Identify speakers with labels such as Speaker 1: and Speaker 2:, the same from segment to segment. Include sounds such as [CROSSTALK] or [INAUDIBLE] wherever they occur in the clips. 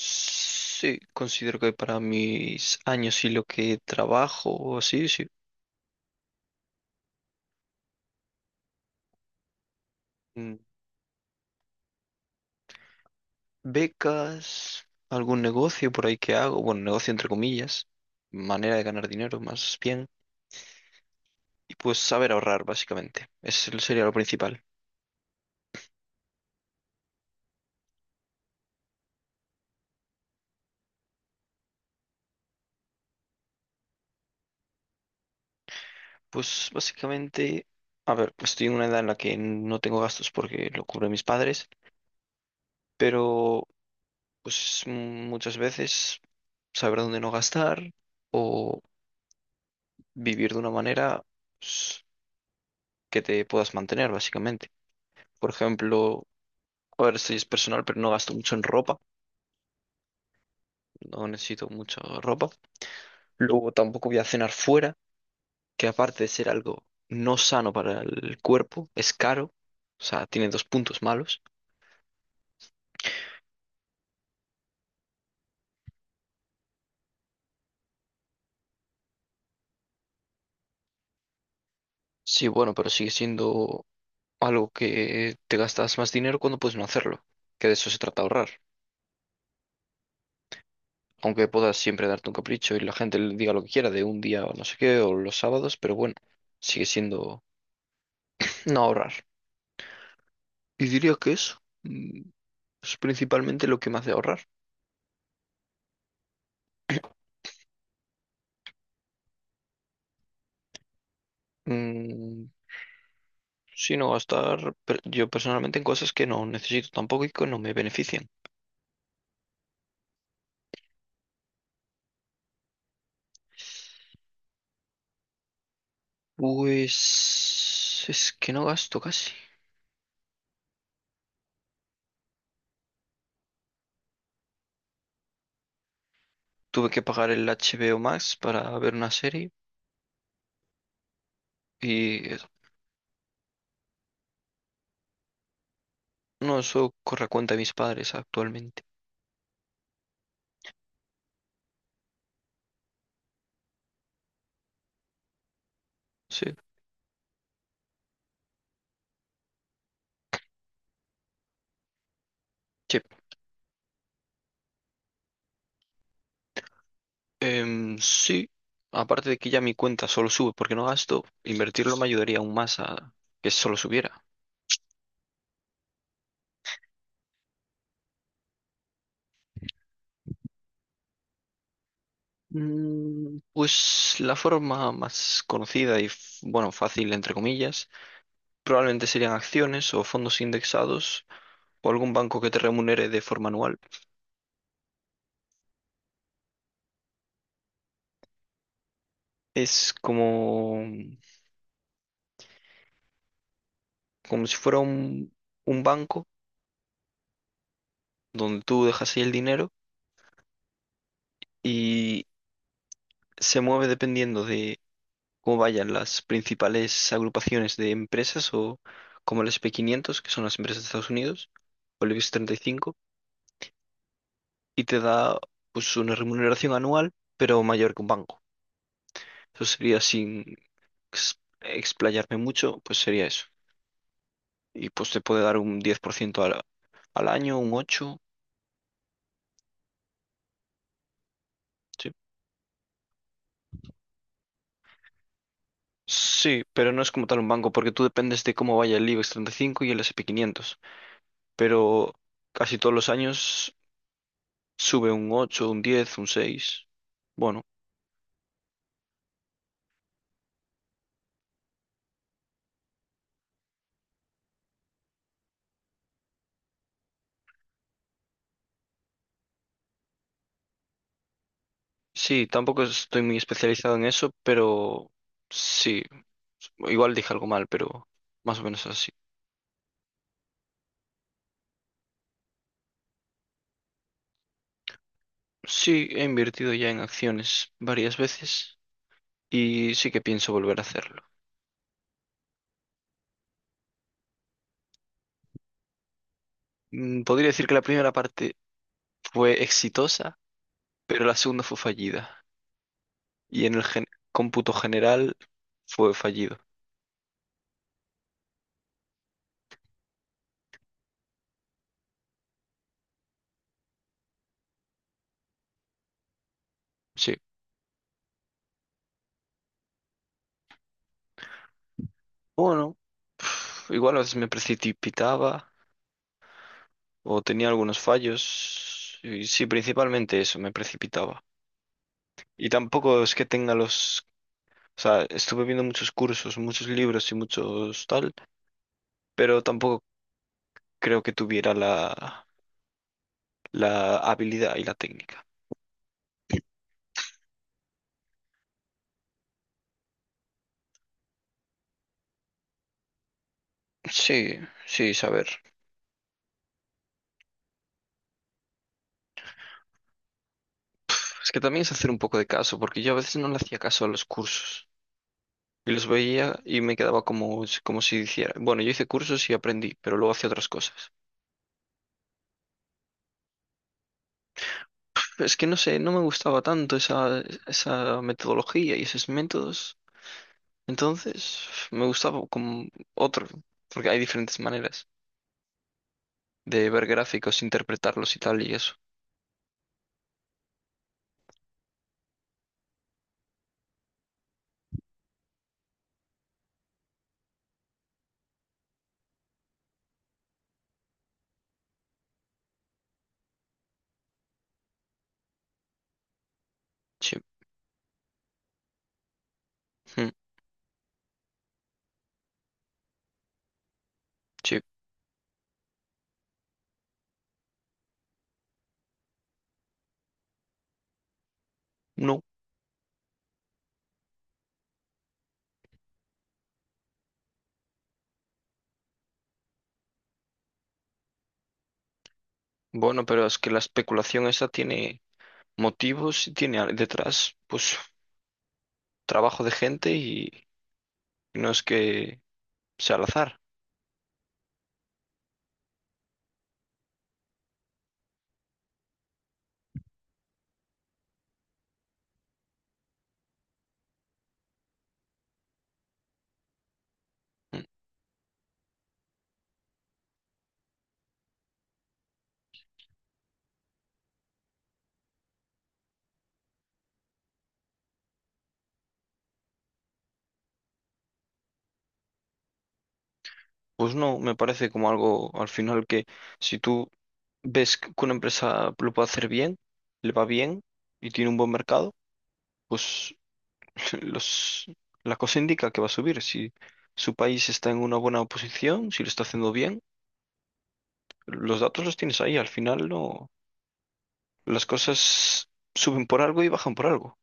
Speaker 1: Sí, considero que para mis años y lo que trabajo o así, sí. Mm, Becas, algún negocio por ahí que hago, bueno, negocio entre comillas, manera de ganar dinero más bien, y pues saber ahorrar básicamente, eso sería lo principal. Pues básicamente, a ver, pues estoy en una edad en la que no tengo gastos porque lo cubren mis padres, pero pues muchas veces saber dónde no gastar o vivir de una manera, pues, que te puedas mantener, básicamente. Por ejemplo, a ahora estoy es personal, pero no gasto mucho en ropa, no necesito mucha ropa. Luego tampoco voy a cenar fuera, que aparte de ser algo no sano para el cuerpo, es caro, o sea, tiene dos puntos malos. Sí, bueno, pero sigue siendo algo que te gastas más dinero cuando puedes no hacerlo, que de eso se trata ahorrar. Aunque puedas siempre darte un capricho y la gente le diga lo que quiera de un día o no sé qué, o los sábados, pero bueno, sigue siendo no ahorrar. Y diría que eso. Es principalmente lo que me hace ahorrar. Mm, Sino gastar yo personalmente en cosas que no necesito tampoco y que no me benefician. Pues es que no gasto casi. Tuve que pagar el HBO Max para ver una serie y no, eso corre a cuenta de mis padres actualmente. Sí. Sí. Sí. Aparte de que ya mi cuenta solo sube porque no gasto, invertirlo me ayudaría aún más a que solo subiera. Pues la forma más conocida y, bueno, fácil, entre comillas, probablemente serían acciones o fondos indexados o algún banco que te remunere de forma anual. Es como, como si fuera un banco donde tú dejas ahí el dinero y se mueve dependiendo de cómo vayan las principales agrupaciones de empresas o como el S&P 500, que son las empresas de Estados Unidos, o el IBEX 35, y te da pues una remuneración anual, pero mayor que un banco. Eso sería sin explayarme mucho, pues sería eso. Y pues te puede dar un 10% al año, un 8, sí. Sí, pero no es como tal un banco, porque tú dependes de cómo vaya el IBEX 35 y el S y P 500, pero casi todos los años sube un ocho, un 10, un seis. Bueno, sí, tampoco estoy muy especializado en eso, pero sí, igual dije algo mal, pero más o menos así. Sí, he invertido ya en acciones varias veces y sí que pienso volver a hacerlo. Podría decir que la primera parte fue exitosa, pero la segunda fue fallida. Y en el cómputo general fue fallido. Sí. Bueno, igual a veces me precipitaba o tenía algunos fallos. Y sí, principalmente eso, me precipitaba. Y tampoco es que tenga los. O sea, estuve viendo muchos cursos, muchos libros y muchos tal, pero tampoco creo que tuviera la habilidad y la técnica. Sí, sí, saber. Es que también es hacer un poco de caso, porque yo a veces no le hacía caso a los cursos. Y los veía y me quedaba como, como si hiciera. Bueno, yo hice cursos y aprendí, pero luego hacía otras cosas. Pero es que no sé, no me gustaba tanto esa metodología y esos métodos. Entonces, me gustaba como otro, porque hay diferentes maneras de ver gráficos, interpretarlos y tal y eso. Sí, mm, sí, no. Bueno, pero es que la especulación esa tiene motivos si tiene detrás, pues trabajo de gente y no es que sea al azar. Mm, Pues no, me parece como algo al final que si tú ves que una empresa lo puede hacer bien, le va bien y tiene un buen mercado, pues [LAUGHS] los, la cosa indica que va a subir. Si su país está en una buena posición, si lo está haciendo bien, los datos los tienes ahí. Al final no, las cosas suben por algo y bajan por algo.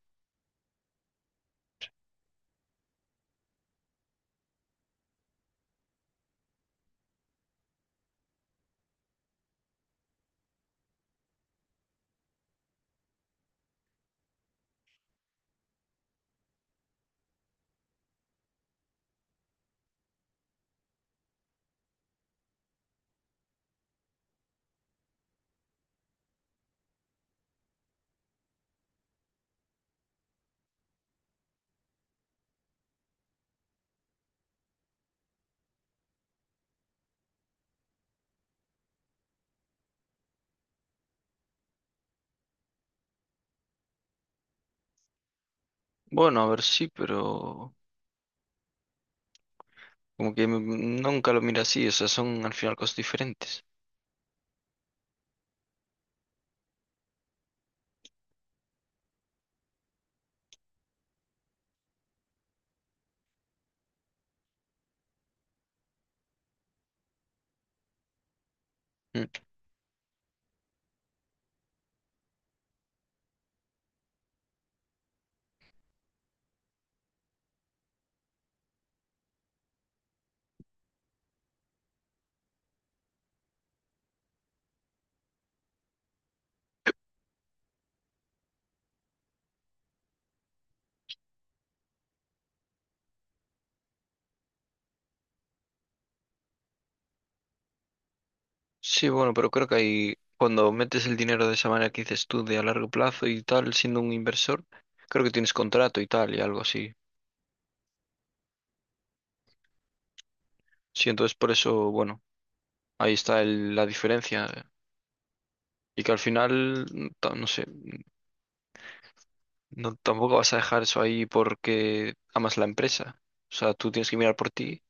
Speaker 1: Bueno, a ver, sí, pero como que nunca lo mira así, o sea, son al final cosas diferentes. Mm. Sí, bueno, pero creo que ahí, cuando metes el dinero de esa manera que dices tú, de a largo plazo y tal, siendo un inversor, creo que tienes contrato y tal, y algo así. Sí, entonces por eso, bueno, ahí está la diferencia. Y que al final, no sé, no, tampoco vas a dejar eso ahí porque amas la empresa. O sea, tú tienes que mirar por ti.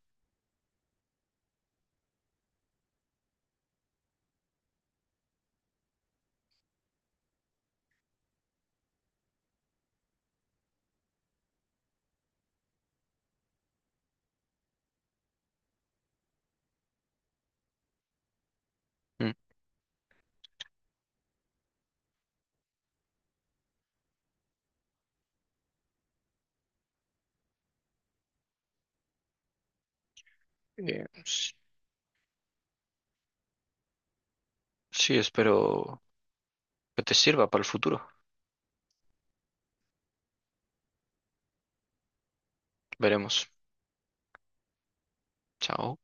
Speaker 1: Mm. Eh, s- sí, espero que te sirva para el futuro. Veremos. Chao.